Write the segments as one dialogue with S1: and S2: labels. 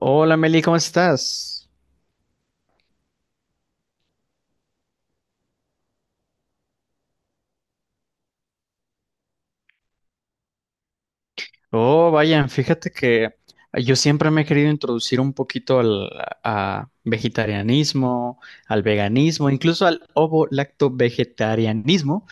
S1: Hola Meli, ¿cómo estás? Oh, vayan, fíjate que yo siempre me he querido introducir un poquito al a vegetarianismo, al veganismo, incluso al ovo-lacto-vegetarianismo,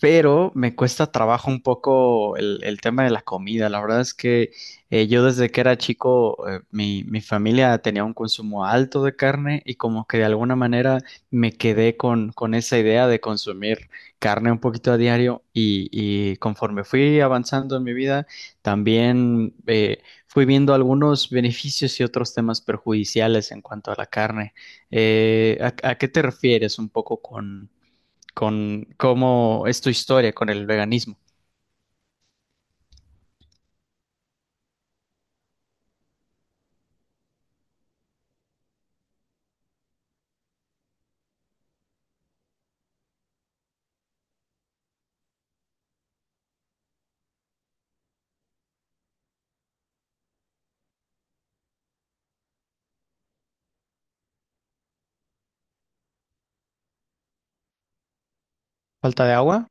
S1: pero me cuesta trabajo un poco el tema de la comida. La verdad es que yo desde que era chico, mi familia tenía un consumo alto de carne y como que de alguna manera me quedé con esa idea de consumir carne un poquito a diario y conforme fui avanzando en mi vida, también fui viendo algunos beneficios y otros temas perjudiciales en cuanto a la carne. A qué te refieres un poco con cómo es tu historia con el veganismo? Falta de agua.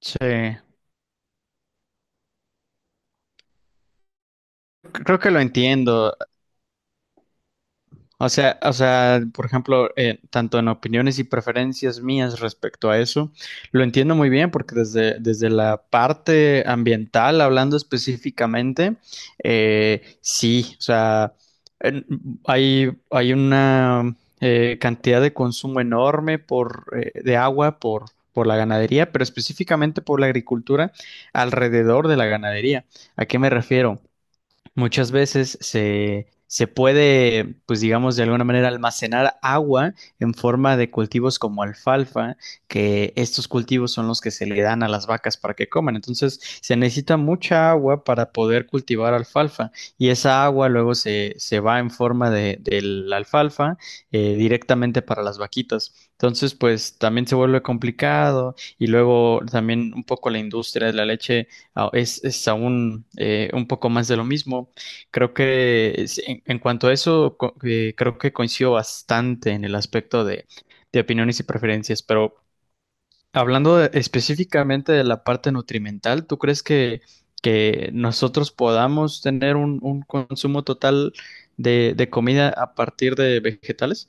S1: Sí, creo que lo entiendo. O sea, por ejemplo, tanto en opiniones y preferencias mías respecto a eso, lo entiendo muy bien porque desde la parte ambiental, hablando específicamente, sí, o sea, en- hay una cantidad de consumo enorme de agua por la ganadería, pero específicamente por la agricultura alrededor de la ganadería. ¿A qué me refiero? Muchas veces se puede, pues digamos, de alguna manera almacenar agua en forma de cultivos como alfalfa, que estos cultivos son los que se le dan a las vacas para que coman. Entonces, se necesita mucha agua para poder cultivar alfalfa y esa agua luego se va en forma de la alfalfa directamente para las vaquitas. Entonces, pues también se vuelve complicado y luego también un poco la industria de la leche. Ah, es aún un poco más de lo mismo. Creo que en cuanto a eso, creo que coincido bastante en el aspecto de opiniones y preferencias, pero específicamente de la parte nutrimental, ¿tú crees que nosotros podamos tener un consumo total de comida a partir de vegetales?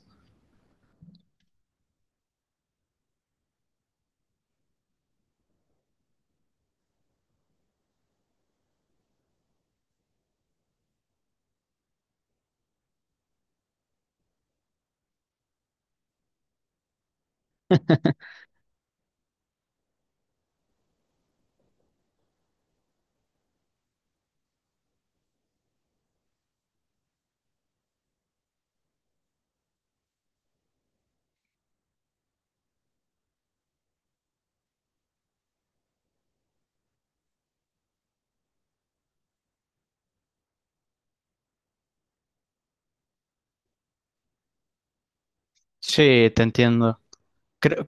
S1: Sí, te entiendo. creo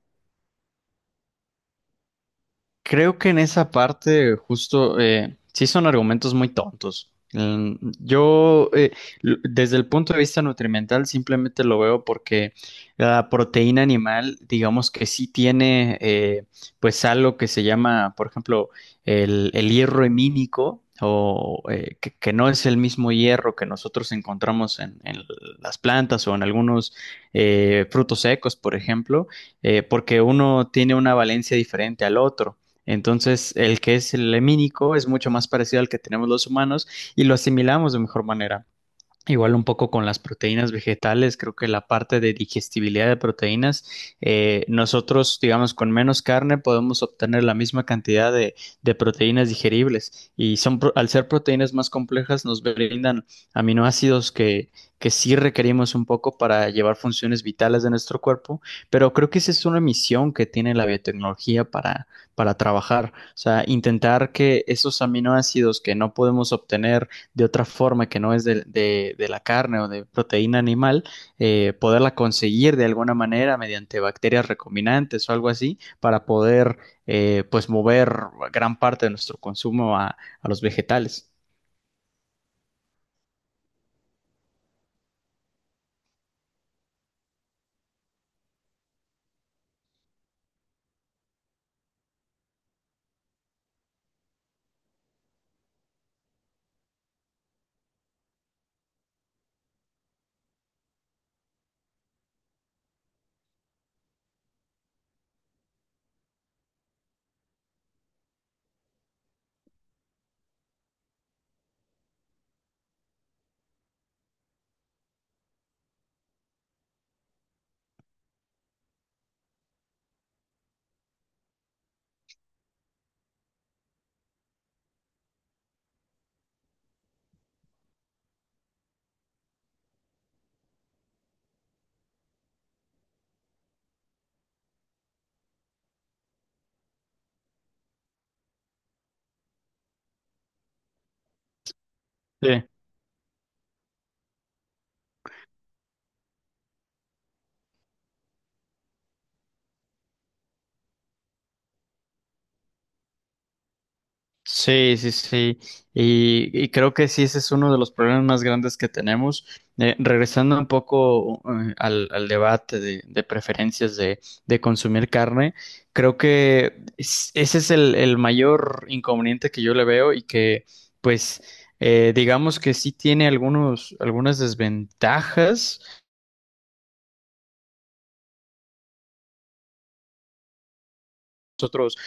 S1: Creo que en esa parte justo sí son argumentos muy tontos. Yo desde el punto de vista nutrimental simplemente lo veo porque la proteína animal, digamos que sí tiene pues algo que se llama, por ejemplo, el hierro hemínico que no es el mismo hierro que nosotros encontramos en las plantas o en algunos frutos secos, por ejemplo, porque uno tiene una valencia diferente al otro. Entonces, el que es el lemínico es mucho más parecido al que tenemos los humanos y lo asimilamos de mejor manera. Igual un poco con las proteínas vegetales, creo que la parte de digestibilidad de proteínas, nosotros, digamos, con menos carne podemos obtener la misma cantidad de proteínas digeribles y son, al ser proteínas más complejas nos brindan aminoácidos que sí requerimos un poco para llevar funciones vitales de nuestro cuerpo, pero creo que esa es una misión que tiene la biotecnología para trabajar, o sea, intentar que esos aminoácidos que no podemos obtener de otra forma que no es de la carne o de proteína animal, poderla conseguir de alguna manera mediante bacterias recombinantes o algo así para poder pues mover gran parte de nuestro consumo a los vegetales. Sí. Sí, sí, sí. Y creo que sí, ese es uno de los problemas más grandes que tenemos. Regresando un poco al debate de preferencias de consumir carne, creo que ese es el mayor inconveniente que yo le veo y que, pues, digamos que sí tiene algunas desventajas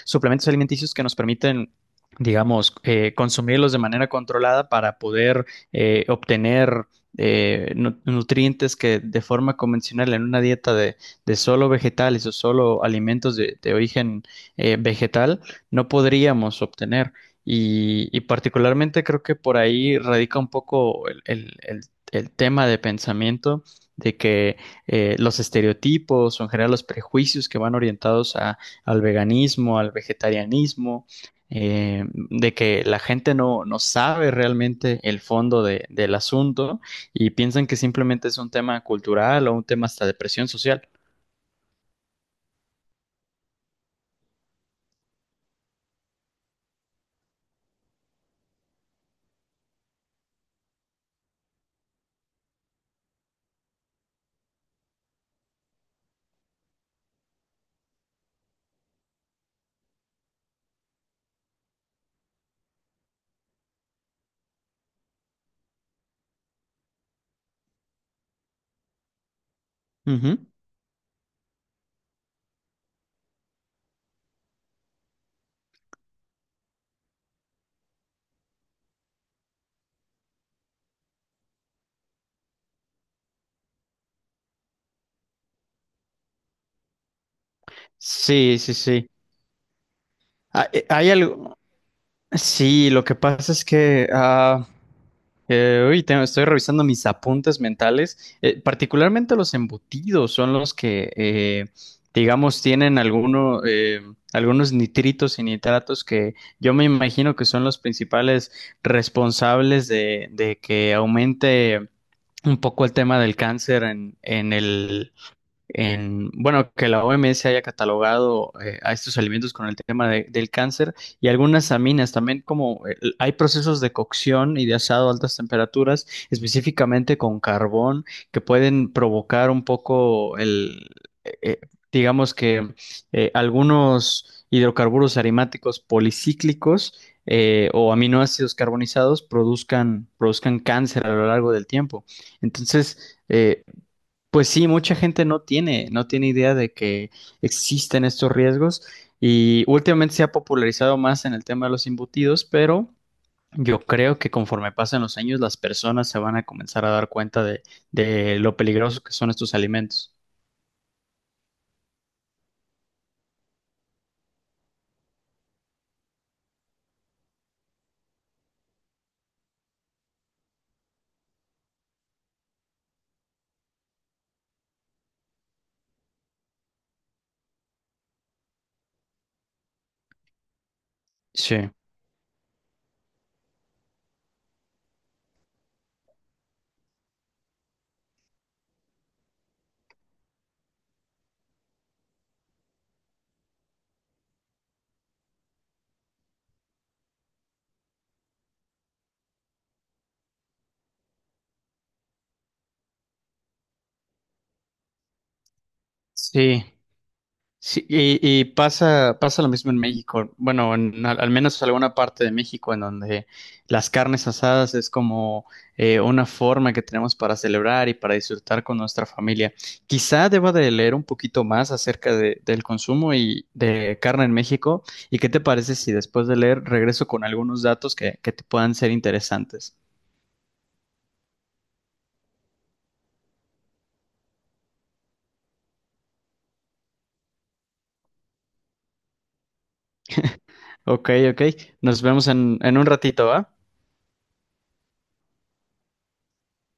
S1: suplementos alimenticios que nos permiten digamos, consumirlos de manera controlada para poder obtener nutrientes que de forma convencional en una dieta de solo vegetales o solo alimentos de origen vegetal no podríamos obtener. Y particularmente creo que por ahí radica un poco el tema de pensamiento de que los estereotipos o en general los prejuicios que van orientados a al veganismo, al vegetarianismo, de que la gente no sabe realmente el fondo del asunto y piensan que simplemente es un tema cultural o un tema hasta de presión social. Ujú. Sí, sí, sí. Hay algo. Sí, lo que pasa es que estoy revisando mis apuntes mentales. Particularmente los embutidos son los que, digamos, tienen alguno, algunos nitritos y nitratos que yo me imagino que son los principales responsables de que aumente un poco el tema del cáncer bueno, que la OMS haya catalogado a estos alimentos con el tema del cáncer y algunas aminas también como hay procesos de cocción y de asado a altas temperaturas, específicamente con carbón, que pueden provocar un poco eh, eh, digamos que algunos hidrocarburos aromáticos policíclicos o aminoácidos carbonizados produzcan, cáncer a lo largo del tiempo. Entonces, pues sí, mucha gente no tiene idea de que existen estos riesgos y últimamente se ha popularizado más en el tema de los embutidos, pero yo creo que conforme pasan los años las personas se van a comenzar a dar cuenta de lo peligrosos que son estos alimentos. Sí, sí. Sí, y pasa, pasa lo mismo en México. Bueno, en al menos alguna parte de México en donde las carnes asadas es como una forma que tenemos para celebrar y para disfrutar con nuestra familia. Quizá deba de leer un poquito más acerca del consumo y de carne en México. ¿Y qué te parece si después de leer regreso con algunos datos que te puedan ser interesantes? Ok, ok. Nos vemos en un ratito, ¿va?